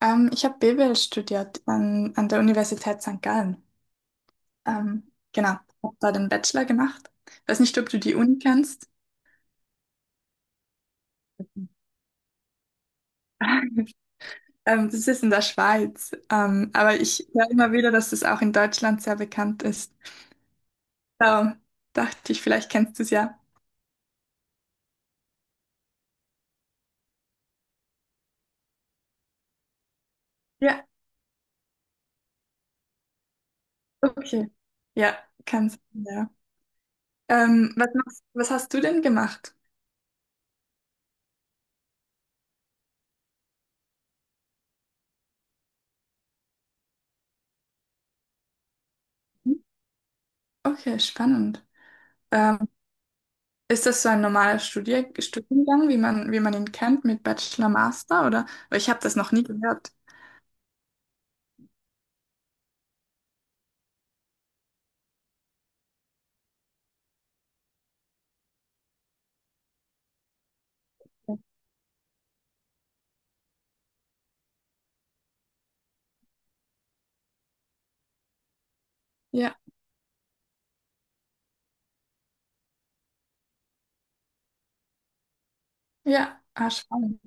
Ich habe BWL studiert an der Universität St. Gallen. Ähm, genau, habe da den Bachelor gemacht. Weiß nicht, ob du die Uni kennst. Das ist in der Schweiz. Aber ich höre immer wieder, dass das auch in Deutschland sehr bekannt ist. So, dachte ich, vielleicht kennst du es ja. Ja, okay. Ja, kannst du, ja. Was hast du denn gemacht? Mhm. Okay, spannend. Ähm, Ist das so ein normaler Studier Studiengang, wie man ihn kennt, mit Bachelor, Master oder? Weil ich habe das noch nie gehört. Ja, ja, ah, spannend.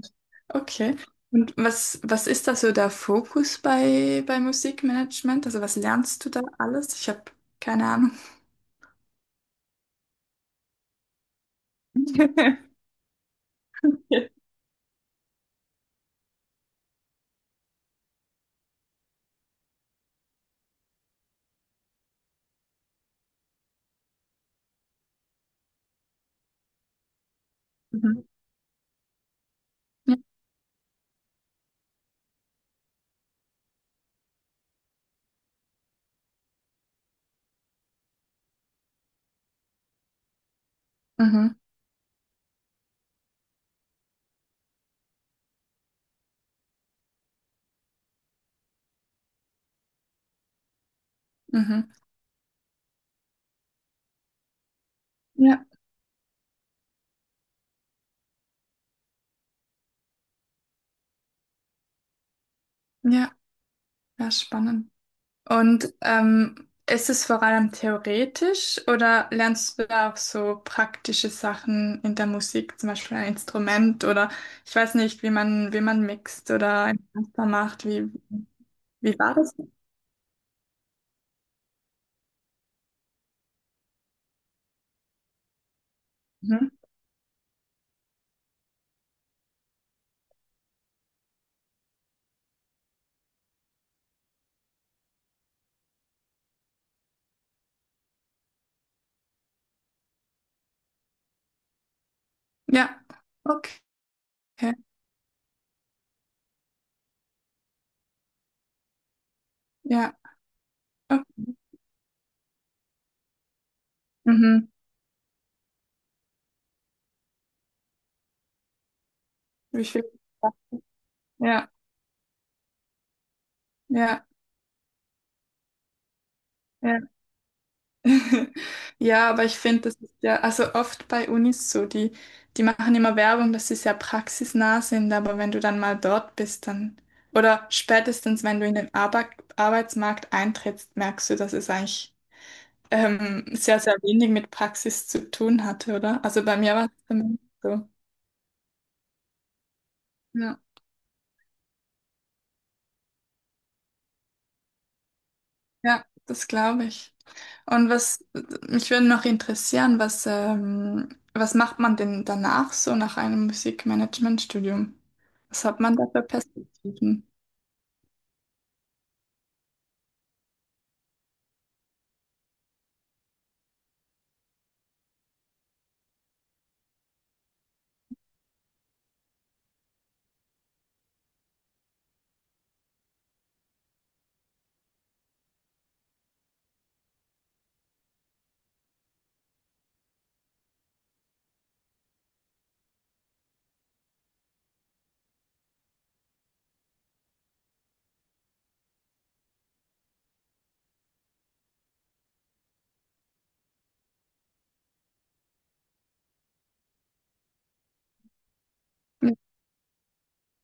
Okay. Und was ist da so der Fokus bei Musikmanagement? Also was lernst du da alles? Ich habe keine Ahnung. Mhm. Ja. Mhm. Mhm. Ja, ja, ja, spannend. Und ist es vor allem theoretisch oder lernst du da auch so praktische Sachen in der Musik, zum Beispiel ein Instrument oder ich weiß nicht, wie man mixt oder ein Master macht? Wie war das? Mhm. Ja, okay. Ja, okay. Mhm. Wie viel? Ja, ja, ja. Ja, aber ich finde, das ist ja, also oft bei Unis so, die, die machen immer Werbung, dass sie sehr praxisnah sind, aber wenn du dann mal dort bist, dann, oder spätestens, wenn du in den Arbeitsmarkt eintrittst, merkst du, dass es eigentlich sehr, sehr wenig mit Praxis zu tun hatte, oder? Also bei mir war es zumindest so. Ja, ja, das glaube ich. Und was, mich würde noch interessieren, was macht man denn danach so nach einem Musikmanagementstudium? Was hat man da für Perspektiven?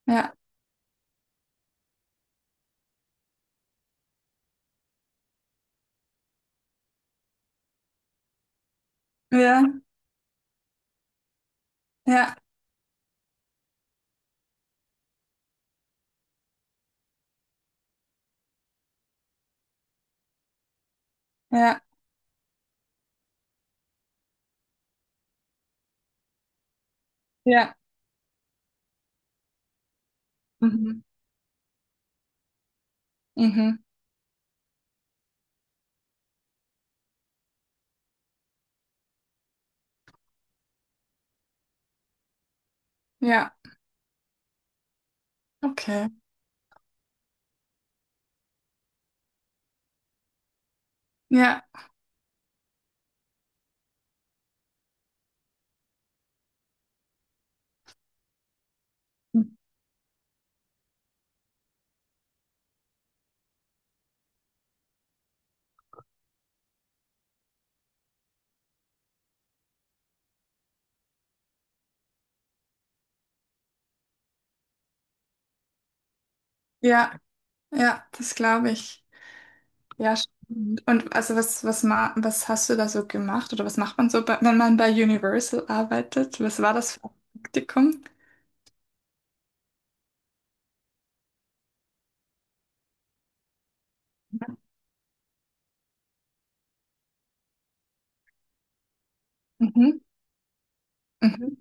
Ja, ja, ja, ja, ja. Mhm. Mhm. Ja, okay. Ja, ja, ja, das glaube ich. Ja, stimmt. Und also was hast du da so gemacht oder was macht man so, bei, wenn man bei Universal arbeitet? Was war das für ein Praktikum? Mhm. Mhm.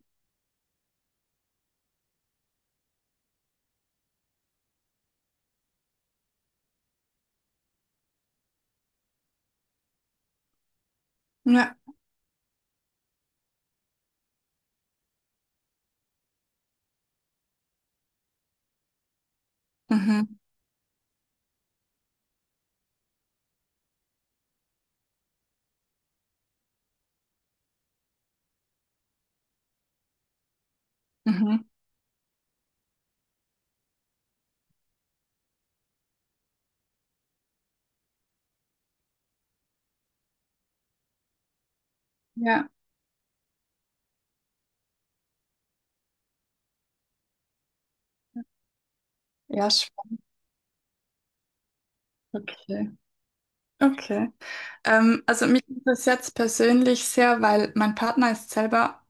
Ja. Mhm. Mhm. Ja, ja, spannend. Okay. Okay. Also mich interessiert es persönlich sehr, weil mein Partner ist selber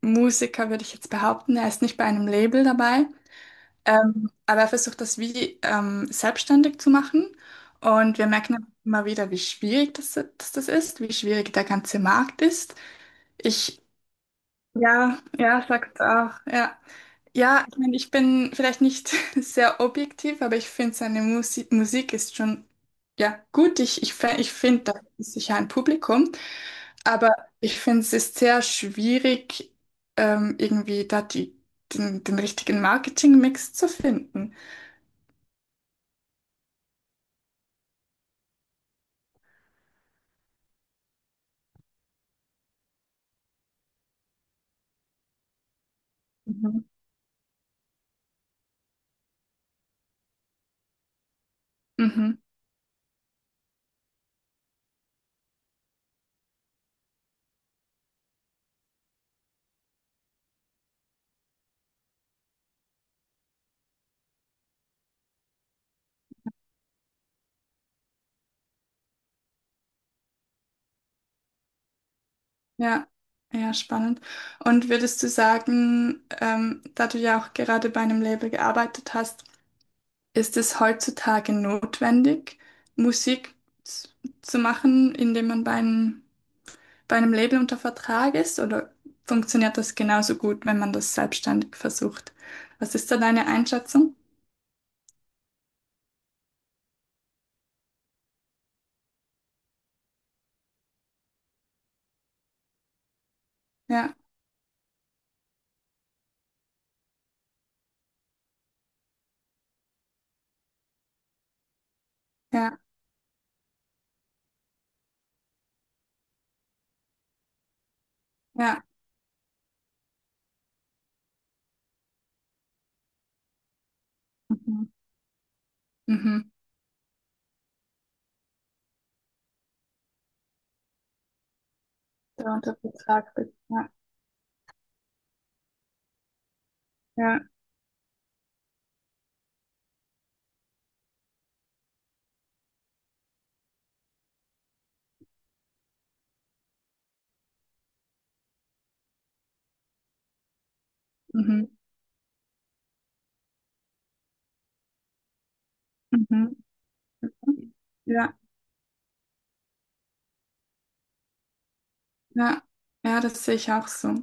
Musiker, würde ich jetzt behaupten. Er ist nicht bei einem Label dabei, aber er versucht das wie selbstständig zu machen. Und wir merken immer wieder, wie schwierig das, dass das ist, wie schwierig der ganze Markt ist. Ich, ja, ja, sagt auch, ja. Ja, ich meine, ich bin vielleicht nicht sehr objektiv, aber ich finde, seine Musik ist schon ja, gut. Ich finde, da ist sicher ein Publikum, aber ich finde, es ist sehr schwierig, irgendwie da den, den richtigen Marketing-Mix zu finden. Mhm. Mhm. Ja, ja, spannend. Und würdest du sagen, da du ja auch gerade bei einem Label gearbeitet hast, Ist es heutzutage notwendig, Musik z- zu machen, indem man bei einem Label unter Vertrag ist? Oder funktioniert das genauso gut, wenn man das selbstständig versucht? Was ist da deine Einschätzung? Ja, ja, ja. Mhm. Mhm. Da unter Vertrag bist. Ja, ja. Mhm. Mhm. Ja, ja. Ja, das sehe ich auch so.